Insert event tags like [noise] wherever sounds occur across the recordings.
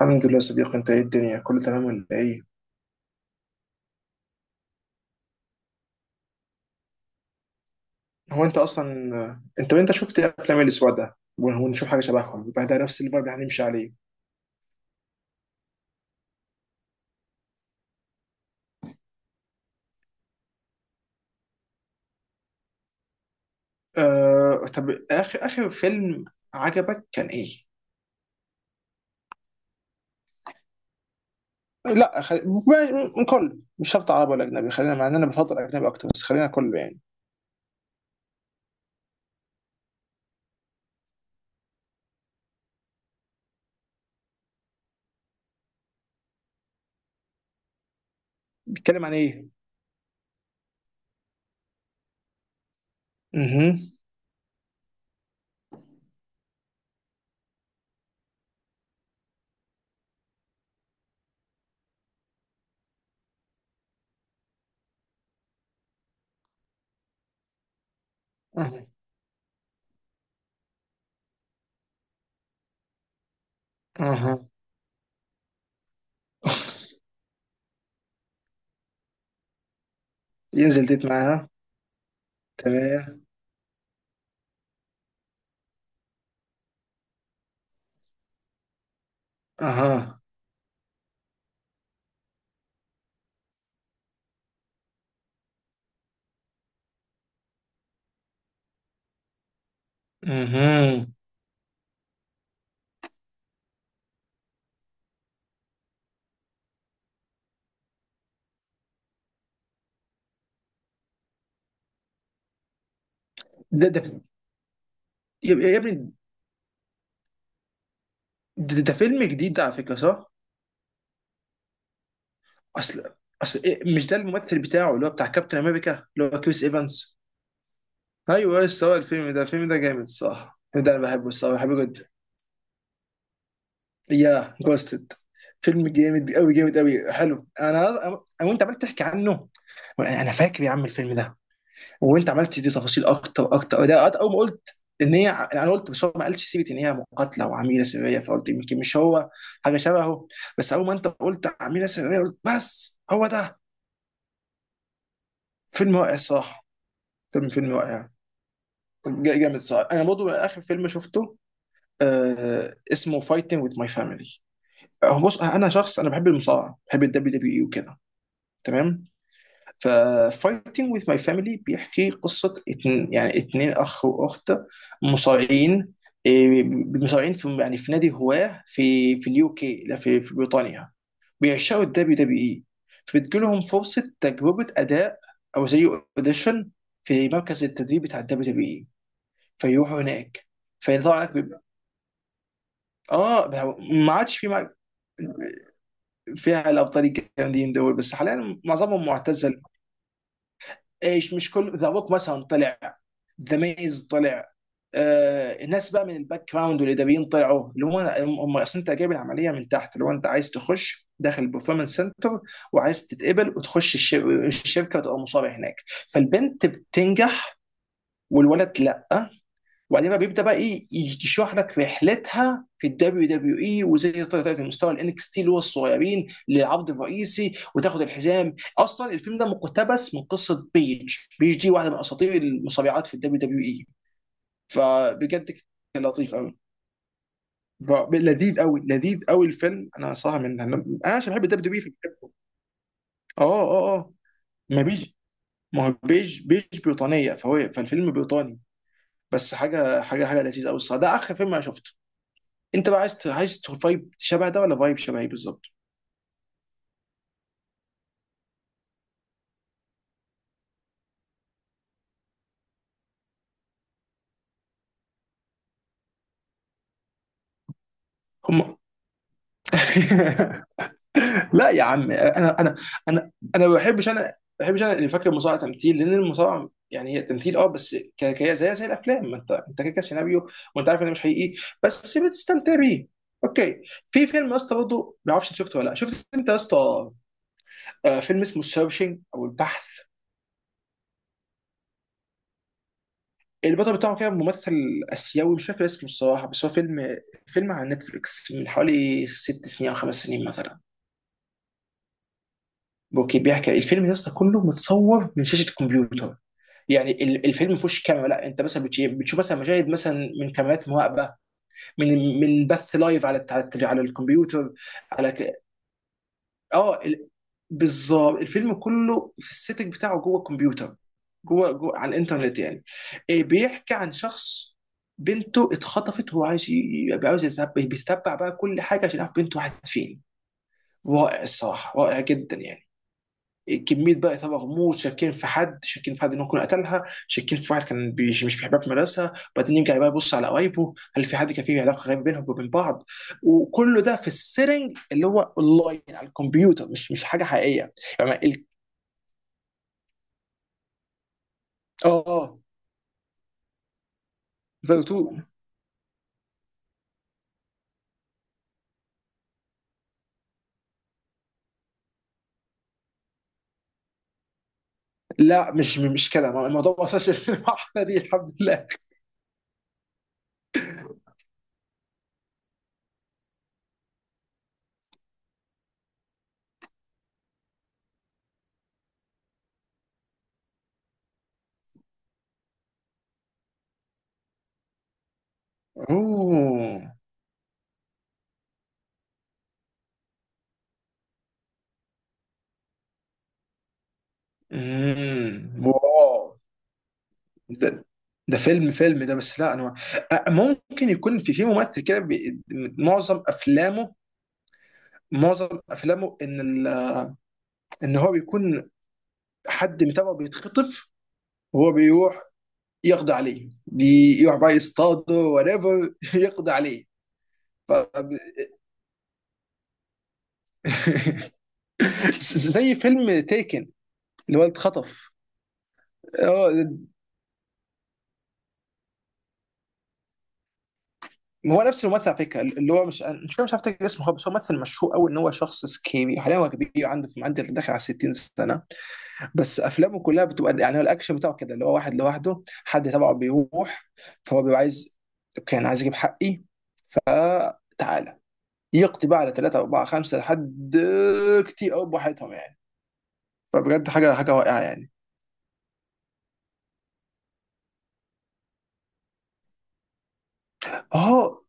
الحمد لله يا صديقي، انت ايه؟ الدنيا كله تمام ولا ايه؟ هو انت اصلا. انت شفت ايه افلام الاسبوع ده؟ ونشوف حاجه شبههم يبقى ده نفس الفايب اللي هنمشي عليه. طب اخر فيلم عجبك كان ايه؟ لا، كله مش شرط عربي ولا اجنبي، خلينا، مع ان انا بفضل اجنبي اكتر، بس خلينا كله يعني. بيتكلم عن ايه؟ اها. اها. اها. ينزل ديت معاها؟ تمام. اها. اها. ده يا ابني، ده فيلم جديد ده على فكره صح؟ اصل، اصل إيه، مش ده الممثل بتاعه اللي هو بتاع كابتن امريكا اللي هو كريس ايفانس؟ ايوه، ايش سوى الفيلم ده جامد صح؟ الفيلم ده انا بحبه الصراحه، بحبه جدا. يا جوستد، فيلم جامد قوي، جامد قوي، حلو. انا وانت عمال تحكي عنه، انا فاكر يا عم الفيلم ده. وانت عمال تدي تفاصيل اكتر اكتر ده. اول ما قلت ان هي، انا قلت بس هو ما قالش سيره ان هي مقاتله وعميله سريه، فقلت يمكن مش هو، حاجه شبهه. بس اول ما انت قلت عميله سريه، قلت بس هو ده. فيلم رائع الصراحه. فيلم رائع. جامد صح. انا برضو اخر فيلم شفته، اسمه فايتنج وذ ماي فاميلي. بص، انا شخص انا بحب المصارعه، بحب الدبليو دبليو اي وكده تمام. ففايتنج وذ ماي فاميلي بيحكي قصه يعني اتنين اخ واخت مصارعين، آه، مصارعين في، يعني في نادي هواه في، في اليو كي، لا، في بريطانيا، بيعشقوا الدبليو دبليو اي. فبتجيلهم فرصه تجربه اداء، او زي اوديشن في مركز التدريب بتاع الدبليو دبليو. فيروحوا هناك. فطبعا هناك بيبقى. اه، ده ما عادش في، فيها الابطال الجامدين دول، بس حاليا معظمهم معتزل. ايش، مش كل، ذا روك مثلا طلع، ذا ميز طلع، الناس بقى من الباك جراوند والاداريين طلعوا اللي هم اصل انت جايب العمليه من تحت، اللي هو انت عايز تخش داخل البرفورمانس سنتر، وعايز تتقبل وتخش الشركه وتبقى مصاب هناك. فالبنت بتنجح والولد لا. وبعدين بقى بيبدا بقى ايه يشرح لك رحلتها في الدبليو دبليو اي، وازاي هي طلعت لمستوى الانكس تي اللي هو الصغيرين للعرض الرئيسي، وتاخد الحزام. اصلا الفيلم ده مقتبس من قصه بيج. بيج دي واحده من اساطير المصارعات في الدبليو دبليو اي. فبجد كان لطيف قوي، لذيذ قوي، لذيذ قوي الفيلم. انا صراحه، من انا عشان بحب الدبليو دبليو اي فبحبه. اه. اه. اه. ما بيج، ما هو بيج، بيج بريطانيه، فهو فالفيلم بريطاني. بس حاجه حاجه حاجه لذيذه قوي الصراحه. ده اخر فيلم انا شفته. انت بقى عايز فايب شبه ده، ولا فايب شبه ايه بالظبط؟ هم. [laughs] لا يا عم، انا انا ما بحبش، انا ما بحبش. انا اللي فاكر المصارعه تمثيل، لان المصارعه يعني هي تمثيل بس، زي الافلام، ما انت كده كده سيناريو، وانت عارف انه مش حقيقي، بس بتستمتع بيه. اوكي. في فيلم يا اسطى برضه، ما اعرفش انت شفته ولا لا، شفت انت يا اسطى، فيلم اسمه سيرشنج او البحث؟ البطل بتاعه كده ممثل اسيوي، مش فاكر اسمه الصراحه، بس هو فيلم على نتفليكس من حوالي 6 سنين او 5 سنين مثلا. اوكي، بيحكي الفيلم ده أصلاً كله متصور من شاشه الكمبيوتر. يعني الفيلم ما فيهوش كاميرا. لا، انت مثلا بتشوف مثلا مشاهد مثلا من كاميرات مراقبه، من بث لايف على الكمبيوتر، على ك... اه ال- بالظبط الفيلم كله في السيتنج بتاعه جوه الكمبيوتر. جوه على الانترنت يعني. إيه، بيحكي عن شخص بنته اتخطفت، وهو عايز عاوز يتبع، بيتبع بقى كل حاجه عشان يعرف بنته راحت فين. رائع الصراحه، رائع جدا يعني. كميه بقى اثاره غموض، شاكين في حد، شاكين في حد انه يكون قتلها، شاكين في واحد كان مش بيحبها في مدرسه، وبعدين يرجع بقى يبص على قرايبه، هل في حد كان فيه علاقه غريبه بينهم وبين بعض؟ وكله ده في السيتنج اللي هو اونلاين على الكمبيوتر، مش حاجه حقيقيه. يعني ال... اه. فاير 2. لا، مش كده، الموضوع ما وصلش [laughs] للمرحله دي، الحمد لله. اوه. امم. واو. ده ده فيلم ده، بس لا انا، ممكن يكون في ممثل كده، معظم افلامه معظم افلامه ان ال... ان هو بيكون حد متابعه بيتخطف، وهو بيروح يقضي عليه، بيروح بقى يصطاده وريفر [laughs] يقضي عليه. ف... [laughs] زي فيلم تيكن، اللي هو اتخطف. اه، هو نفس الممثل على فكره، اللي هو مش، مش عارف افتكر اسمه هو، بس هو ممثل مشهور قوي. ان هو شخص سكيبي، حاليا هو كبير، عنده، عنده داخل على 60 سنه، بس افلامه كلها بتبقى يعني، هو الاكشن بتاعه كده اللي هو واحد لوحده حد تبعه بيروح، فهو بيبقى عايز، اوكي انا عايز اجيب حقي فتعالى، يقضي بقى على ثلاثة أربعة خمسة لحد كتير أوي براحتهم يعني. فبجد حاجة حاجة رائعة يعني. أهو.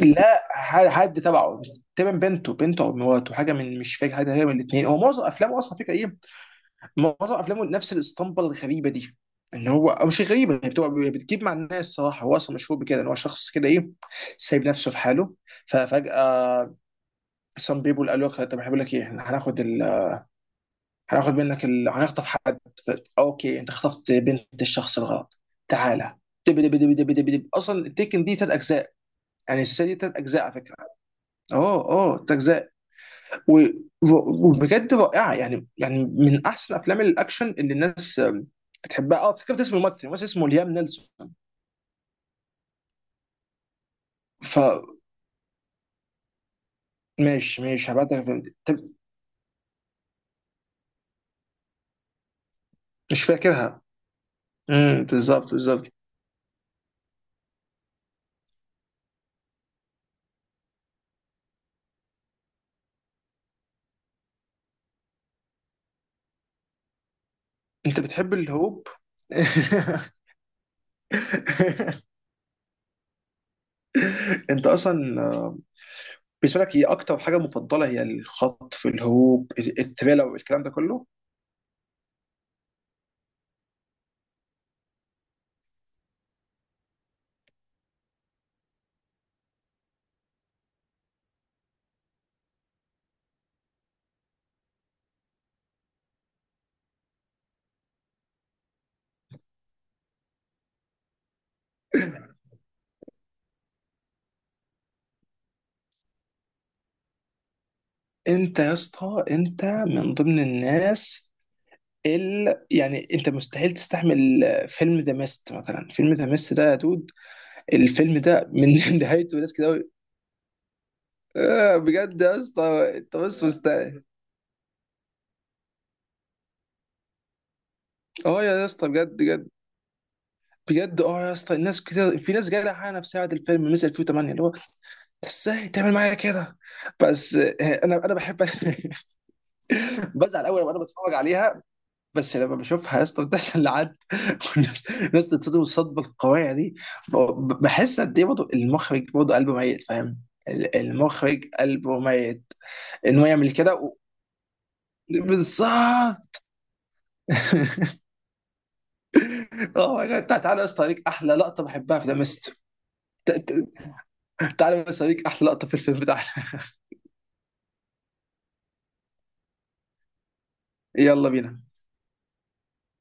لا، حد تبعه. تمام. بنته أو مراته، حاجة من، مش فاكر حد هي من الاتنين. هو معظم أفلامه أصلا فكرة إيه، معظم افلامه نفس الاسطمبه الغريبه دي. ان هو، او مش غريبه، هي بتبقى بتجيب مع الناس صراحه. هو اصلا مشهور بكده ان هو شخص كده ايه، سايب نفسه في حاله. ففجاه سام بيبول قالوا له طب، احنا بقول لك ايه، إحنا هناخد هناخد منك هنخطف حد. ف... اوكي انت خطفت بنت الشخص الغلط، تعالى. دب دب دب دب دب دب. اصلا التيكن دي 3 اجزاء، يعني السلسله دي 3 اجزاء على فكره. اوه اوه. 3 اجزاء. و- وبجد رائعه يعني من احسن افلام الاكشن اللي الناس بتحبها. اه، افتكرت اسم الممثل اسمه ليام نيلسون. ف ماشي ماشي، هبعت لك الفيلم. طب مش فاكرها. امم. بالظبط بالظبط. انت بتحب الهروب. [laughs] انت اصلا، بالنسبه لك هي اكتر حاجه مفضله هي الخطف، الهروب، التريلا، والكلام ده كله. انت يا اسطى انت من ضمن الناس، يعني انت مستحيل تستحمل فيلم ذا ميست مثلا. فيلم ذا ميست ده يا دود، الفيلم ده من [laughs] نهايته ناس كده أوي، بجد يا اسطى انت، بس مستحيل. اه يا اسطى بجد بجد. بجد يا اسطى الناس كده، في ناس جايه حقها نفسها بعد الفيلم مثل 2008 اللي هو ازاي تعمل معايا كده. بس انا بحب [laughs] بزعل قوي وانا بتفرج عليها. بس لما بشوفها يا اسطى بتحصل لحد، [laughs] والناس، الناس تتصدم الصدمه القويه دي، بحس قد ايه برضه المخرج، برضه قلبه ميت فاهم. المخرج قلبه ميت، ان هو يعمل كده بالظبط. [laughs] اه يا جدع، تعالى يا اسطى اوريك احلى لقطه بحبها في ذا ميست. تعالى بس اوريك احلى لقطه في الفيلم بتاعنا. [laughs] يلا بينا.